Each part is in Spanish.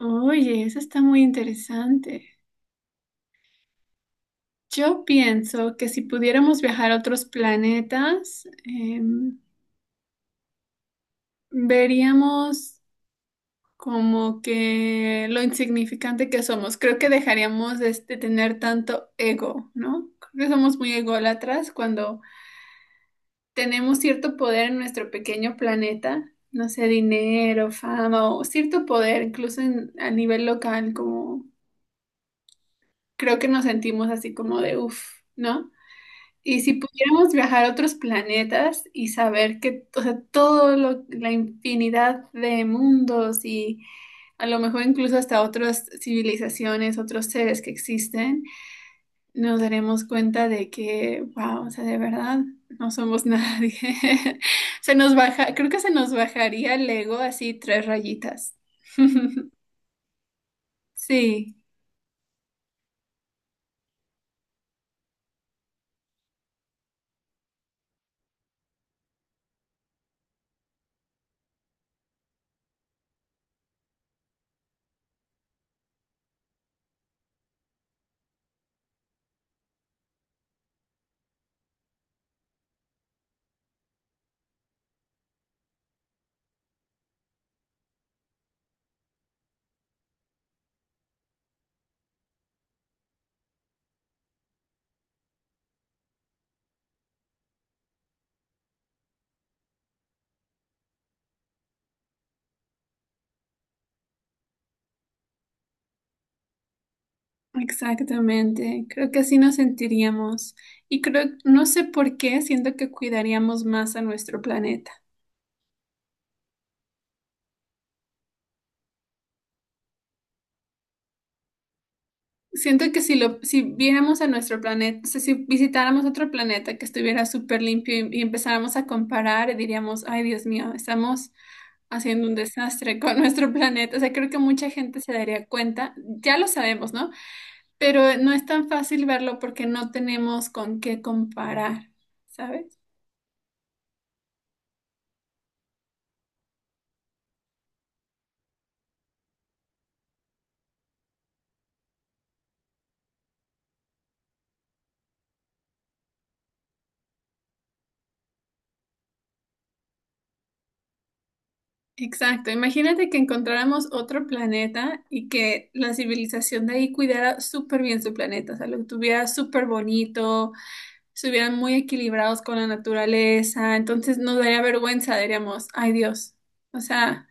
Oye, eso está muy interesante. Yo pienso que si pudiéramos viajar a otros planetas, veríamos como que lo insignificante que somos. Creo que dejaríamos de tener tanto ego, ¿no? Creo que somos muy ególatras cuando tenemos cierto poder en nuestro pequeño planeta, no sé, dinero, fama o cierto poder, incluso a nivel local, como creo que nos sentimos así como de uff, ¿no? Y si pudiéramos viajar a otros planetas y saber que, o sea, todo lo, la infinidad de mundos y a lo mejor incluso hasta otras civilizaciones, otros seres que existen, nos daremos cuenta de que, wow, o sea, de verdad no somos nadie. Se nos baja, creo que se nos bajaría el ego así tres rayitas. Sí. Exactamente, creo que así nos sentiríamos y creo, no sé por qué, siento que cuidaríamos más a nuestro planeta. Siento que si viéramos a nuestro planeta, o sea, si visitáramos otro planeta que estuviera súper limpio y empezáramos a comparar, diríamos, ay, Dios mío, estamos haciendo un desastre con nuestro planeta. O sea, creo que mucha gente se daría cuenta, ya lo sabemos, ¿no? Pero no es tan fácil verlo porque no tenemos con qué comparar, ¿sabes? Exacto, imagínate que encontráramos otro planeta y que la civilización de ahí cuidara súper bien su planeta, o sea, lo tuviera súper bonito, estuvieran muy equilibrados con la naturaleza, entonces nos daría vergüenza, diríamos, ay Dios, o sea,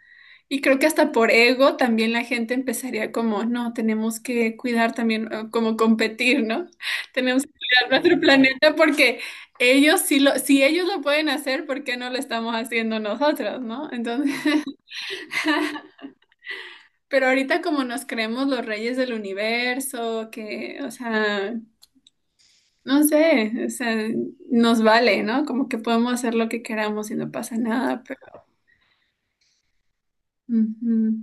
y creo que hasta por ego también la gente empezaría como, no, tenemos que cuidar también, como competir, ¿no? Tenemos que cuidar nuestro planeta porque... Ellos si ellos lo pueden hacer, ¿por qué no lo estamos haciendo nosotros, no? Entonces, pero ahorita como nos creemos los reyes del universo, que, o sea, no sé, o sea, nos vale, ¿no? Como que podemos hacer lo que queramos y no pasa nada, pero... Ujú.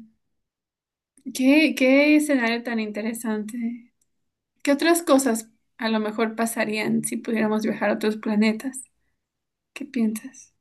¿Qué escenario tan interesante? ¿Qué otras cosas a lo mejor pasarían si pudiéramos viajar a otros planetas? ¿Qué piensas?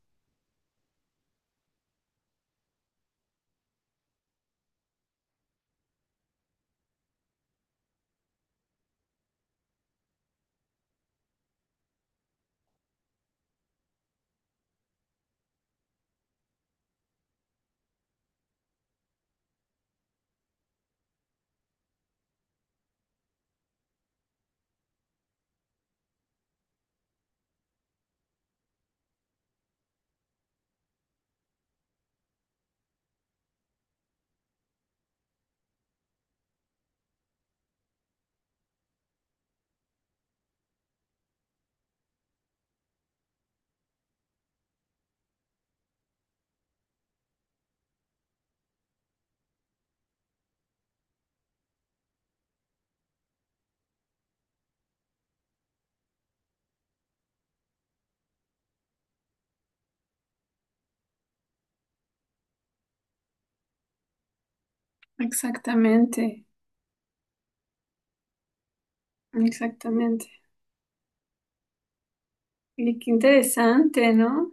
Exactamente, exactamente. Y qué interesante, ¿no?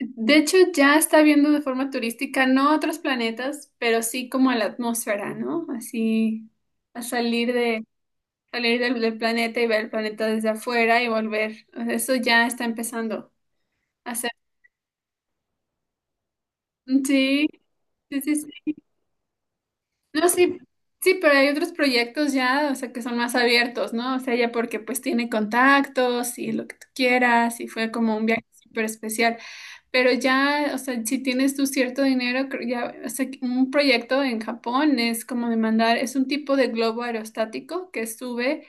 De hecho, ya está viendo de forma turística, no a otros planetas, pero sí como a la atmósfera, ¿no? Así, a salir de, salir del, del planeta y ver el planeta desde afuera y volver. O sea, eso ya está empezando a hacer. Sí, sí, sí, no, sí, sí, pero hay otros proyectos ya, o sea, que son más abiertos, ¿no? O sea, ya porque pues tiene contactos y lo que tú quieras y fue como un viaje súper especial. Pero ya, o sea, si tienes tu cierto dinero, creo ya, o sea, que un proyecto en Japón es como de mandar, es un tipo de globo aerostático que sube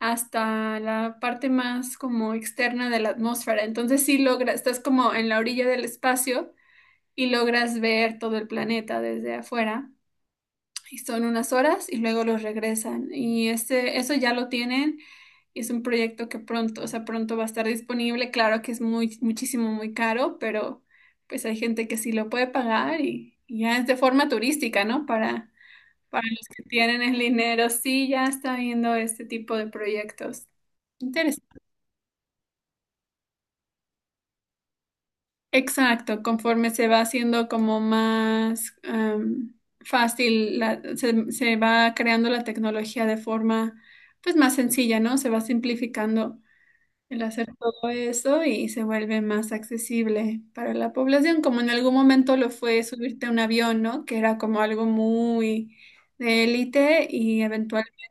hasta la parte más como externa de la atmósfera. Entonces sí logras, estás como en la orilla del espacio y logras ver todo el planeta desde afuera y son unas horas y luego los regresan. Y este, eso ya lo tienen y es un proyecto que pronto, o sea, pronto va a estar disponible. Claro que es muy, muchísimo, muy caro, pero pues hay gente que sí lo puede pagar y ya es de forma turística, ¿no? Para los que tienen el dinero, sí, ya está viendo este tipo de proyectos. Interesante. Exacto, conforme se va haciendo como más fácil, se va creando la tecnología de forma pues más sencilla, ¿no? Se va simplificando el hacer todo eso y se vuelve más accesible para la población, como en algún momento lo fue subirte a un avión, ¿no? Que era como algo muy de élite y eventualmente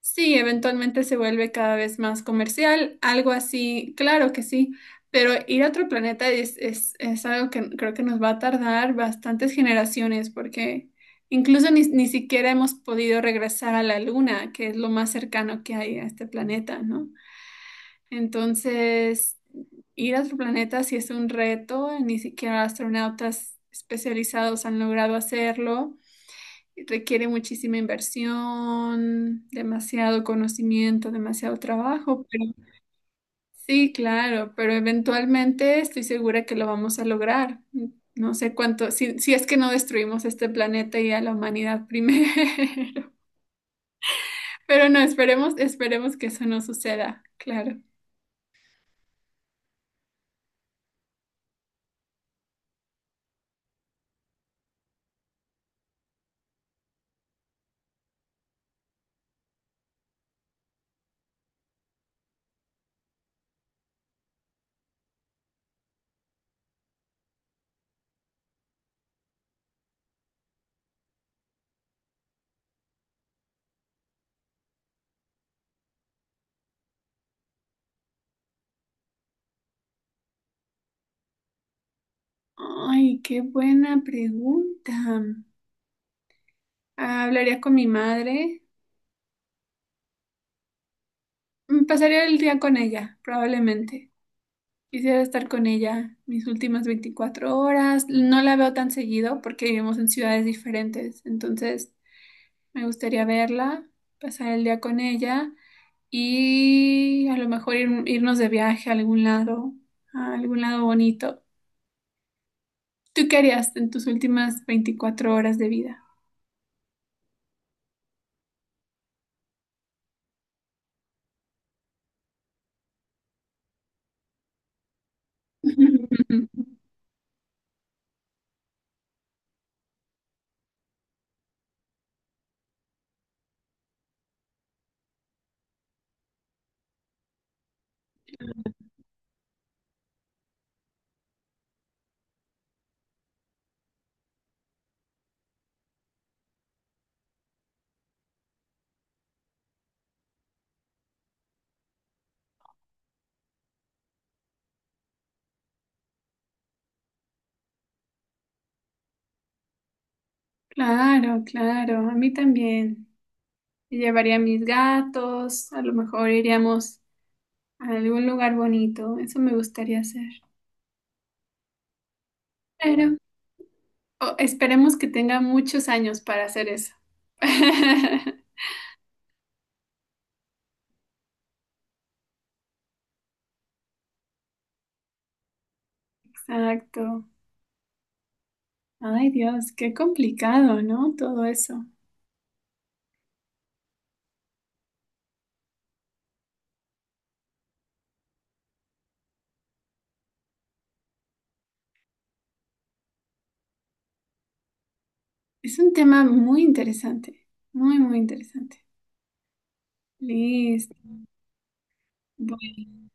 sí, eventualmente se vuelve cada vez más comercial, algo así, claro que sí, pero ir a otro planeta es algo que creo que nos va a tardar bastantes generaciones porque incluso ni siquiera hemos podido regresar a la Luna, que es lo más cercano que hay a este planeta, ¿no? Entonces, ir a otro planeta sí es un reto, ni siquiera astronautas especializados han logrado hacerlo. Requiere muchísima inversión, demasiado conocimiento, demasiado trabajo, pero sí, claro, pero eventualmente estoy segura que lo vamos a lograr. No sé cuánto, si es que no destruimos este planeta y a la humanidad primero. Pero no, esperemos, esperemos que eso no suceda, claro. Ay, qué buena pregunta. Ah, hablaría con mi madre, pasaría el día con ella, probablemente. Quisiera estar con ella mis últimas 24 horas. No la veo tan seguido porque vivimos en ciudades diferentes. Entonces, me gustaría verla, pasar el día con ella y a lo mejor irnos de viaje a algún lado bonito. ¿Tú qué harías en tus últimas 24 horas de vida? Claro, claro, a mí también. Me llevaría a mis gatos, a lo mejor iríamos a algún lugar bonito. Eso me gustaría hacer. Claro. O- esperemos que tenga muchos años para hacer eso. Exacto. Ay, Dios, qué complicado, ¿no? Todo eso. Es un tema muy interesante, muy, muy interesante. Listo. Bueno,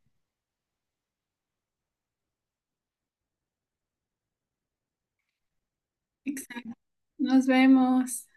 exacto. Nos vemos.